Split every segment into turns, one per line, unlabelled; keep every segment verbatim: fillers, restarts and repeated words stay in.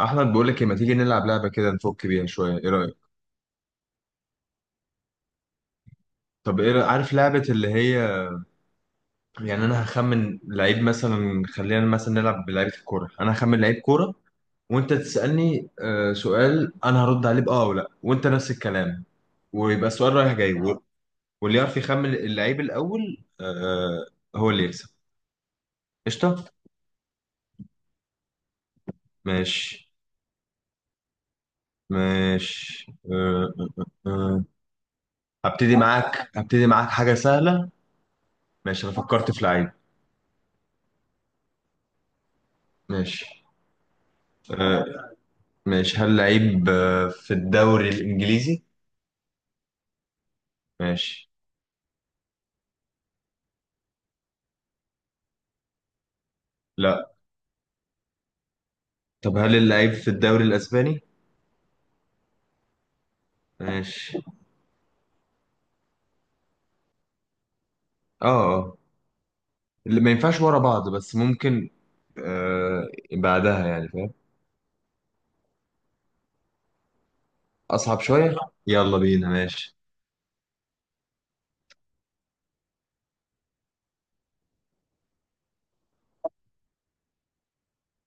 احمد، بقول لك إيه، ما تيجي نلعب لعبه كده نفك بيها شويه، ايه رايك؟ طب ايه رأيك؟ عارف لعبه اللي هي، يعني انا هخمن لعيب، مثلا خلينا مثلا نلعب بلعيبه الكوره، انا هخمن لعيب كوره. وانت تسالني آه، سؤال، انا هرد عليه باه او لا، وانت نفس الكلام. ويبقى السؤال رايح جاي و- واللي يعرف يخمن اللعيب الاول آه، هو اللي يكسب. قشطه. ماشي. ماشي. آه. آه. آه. آه. هبتدي معاك هبتدي معاك حاجه سهله. ماشي انا فكرت في لعيب. ماشي. آه. ماشي، هل لعيب آه، في الدوري الإنجليزي؟ ماشي. لا. طب هل اللعيب في الدوري الأسباني؟ ماشي. اه. آه. اللي ما ينفعش ورا بعض، بس ممكن آه بعدها، يعني فاهم. أصعب شوية؟ يلا بينا ماشي.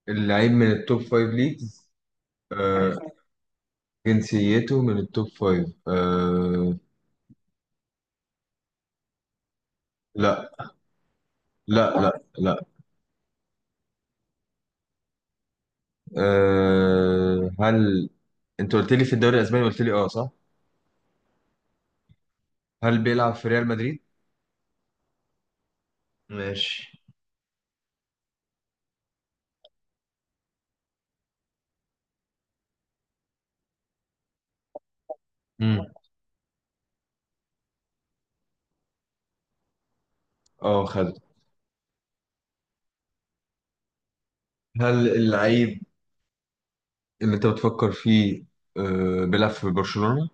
اللعيب من التوب فايف ليجز آه جنسيته من التوب فايف. آه لا. لا، لا، لا. آه هل انت قلت لي في الدوري الاسباني؟ قلت لي اه، صح؟ هل بيلعب في ريال مدريد؟ ماشي. امم. اه خد. هل اللعيب اللي انت بتفكر فيه آه، بيلعب في برشلونة؟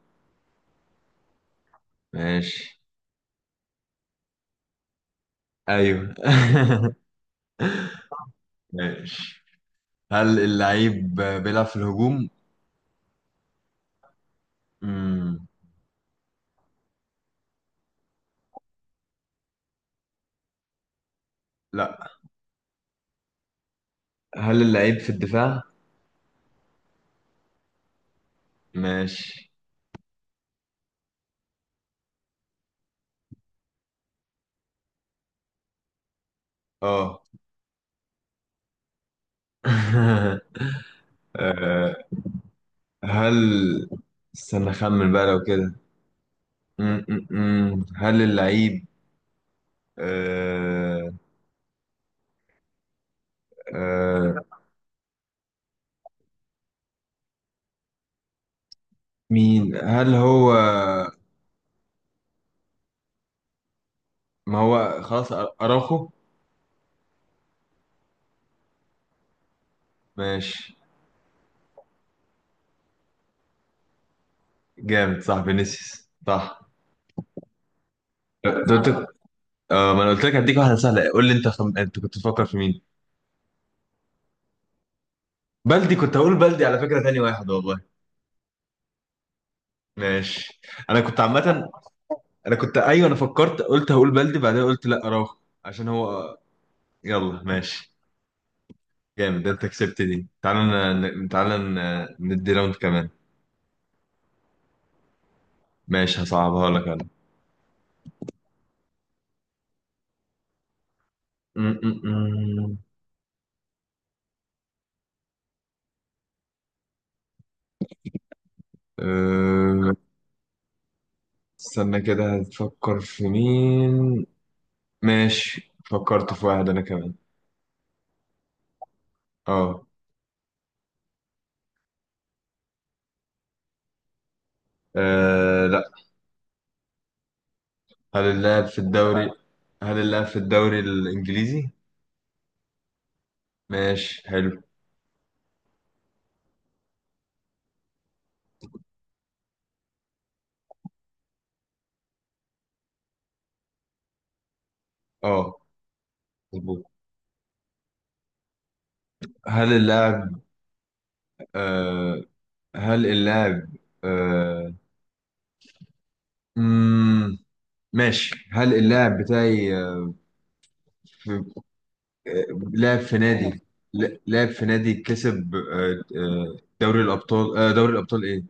ماشي. ايوه. ماشي. هل اللعيب بيلعب في الهجوم؟ مم. لا، هل اللعيب في الدفاع؟ ماشي. اه. آه، هل، استنى اخمن بقى لو كده. مم، مم، مم. هل اللعيب آه... آه... مين؟ هل هو؟ ما هو خلاص، أراخو. ماشي. جامد، صح؟ فينيسيوس صح؟ أنت قلت اه. آه ما انا قلت لك هديك واحده سهله. قول لي انت خم... انت كنت بتفكر في مين؟ بلدي! كنت هقول بلدي على فكره تاني واحد، والله. ماشي. انا كنت عامه. انا كنت، ايوه، انا فكرت قلت هقول بلدي، بعدين قلت لا، اراوخو عشان هو. يلا ماشي. جامد، انت كسبت دي. تعالى ن... تعالى ن... ندي راوند كمان. ماشي هصعبها لك انا. م- م- م. أه، استنى كده، هتفكر في مين؟ ماشي فكرت في واحد انا كمان. اه. آه لا. هل اللاعب في الدوري هل اللاعب في الدوري الإنجليزي؟ ماشي حلو. اه مظبوط. هل اللاعب آه هل اللاعب آه مم ماشي، هل اللاعب بتاعي آه، في، آه، لاعب في نادي، لا- لاعب في نادي كسب، آه، آه، دوري الأبطال، آه دوري الأبطال إيه؟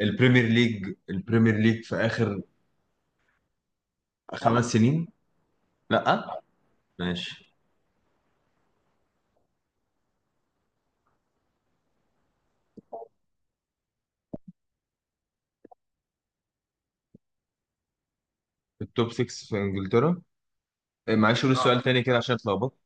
البريمير ليج، البريمير ليج في آخر خمس سنين؟ لا. ماشي. التوب سيكس في إنجلترا. آه، معلش قول السؤال تاني كده عشان اتلخبطت.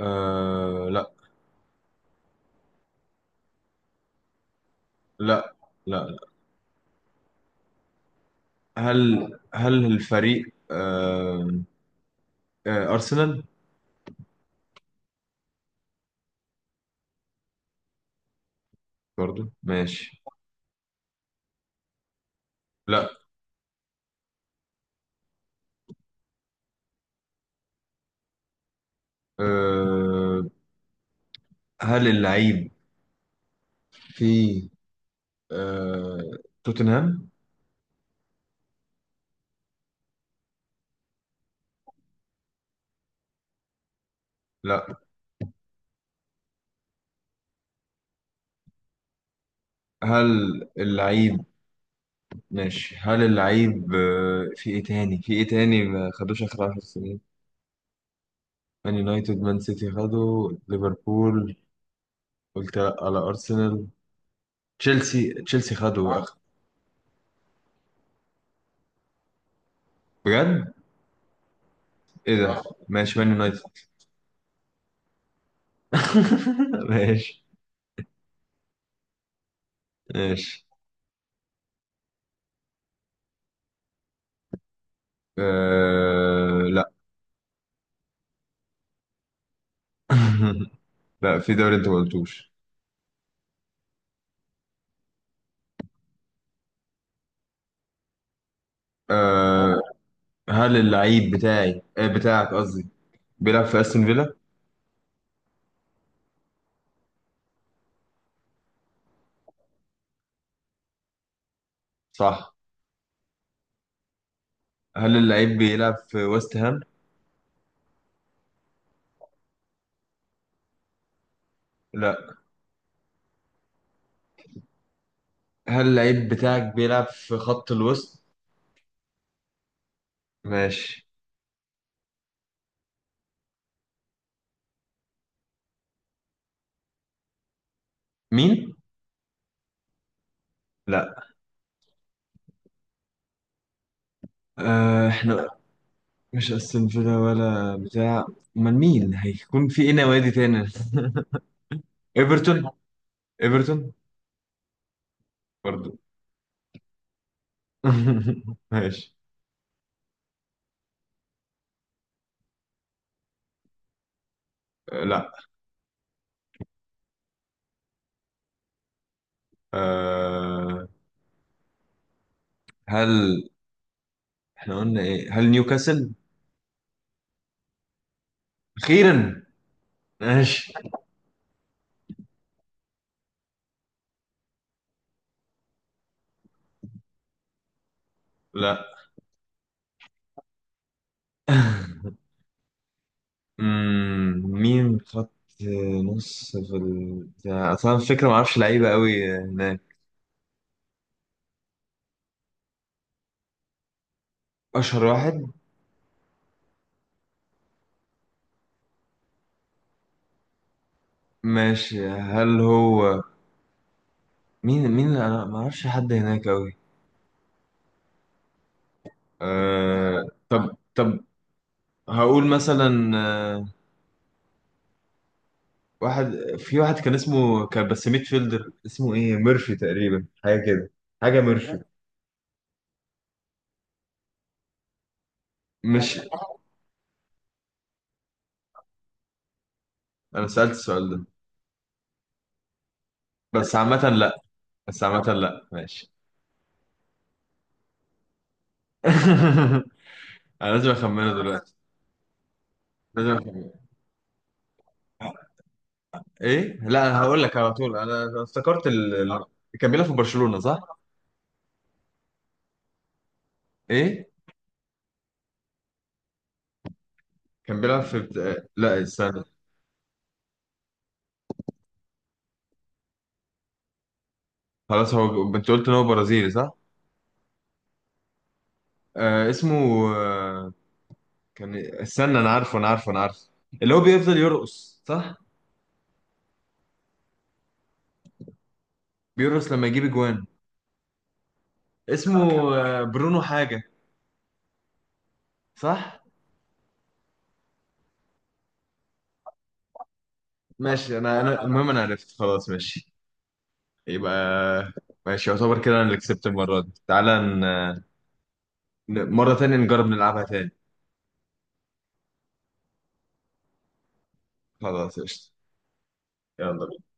آه لا. لا، لا. هل هل الفريق آه آه أرسنال؟ برضو ماشي. لا. آه هل اللعيب في آه توتنهام؟ لا. هل اللعيب؟ ماشي، هل اللعيب آه في ايه تاني، في ايه تاني ما خدوش آخر عشرة سنين؟ مان يونايتد، مان سيتي خدوا، ليفربول، قلت لا على أرسنال، تشيلسي تشيلسي خدوا آخر. بجد؟ ايه ده؟ ماشي مان يونايتد. ماشي. ماشي. أه... لا. لا، في دوري انت ما قلتوش. أه... هل اللعيب بتاعي، آه، بتاعك قصدي، بيلعب في استون فيلا؟ صح. هل اللعيب بيلعب في ويست هام؟ لا. هل اللعيب بتاعك بيلعب في خط الوسط؟ ماشي. مين؟ لا. أه... احنا، مش استون فيلا ولا بتاع، امال مين هيكون؟ في ايه نوادي تاني؟ ايفرتون. ايفرتون؟ برضو. ماشي. آه، لا. أه هل احنا قلنا ايه؟ هل نيوكاسل؟ اخيرا! ماشي. لا. أمم، مين خط نص في ال... بتاع- اصلا الفكره ما اعرفش لعيبه قوي هناك. اشهر واحد. ماشي. هل هو؟ مين مين اللي، انا ما اعرفش حد هناك قوي. أه... طب طب هقول مثلا آه، واحد، في واحد كان اسمه، كان بس ميد فيلدر، اسمه ايه؟ ميرفي تقريبا، حاجه كده، حاجه ميرفي. مش، انا سألت السؤال ده. بس عامة لا. بس عامة لا. ماشي. انا لازم اخمنه دلوقتي. لازم اخمنه. ايه، لا، انا هقول لك على طول. انا افتكرت ال... ال- كان بيلعب في برشلونة، صح؟ ايه. كان بيلعب في بت... لا استنى. خلاص هو، انت قلت ان هو برازيلي صح. آه اسمه آه كان، استنى، انا عارفه انا عارفه انا عارفه. اللي هو بيفضل يرقص صح؟ بيرقص لما يجيب اجوان. اسمه آه برونو حاجة، صح؟ ماشي. انا انا المهم انا عرفت خلاص. ماشي. يبقى ماشي. يعتبر كده انا اللي كسبت المره دي. تعالى ن... ن- مره تانية نجرب نلعبها تاني. خلاص قشطة. يلا.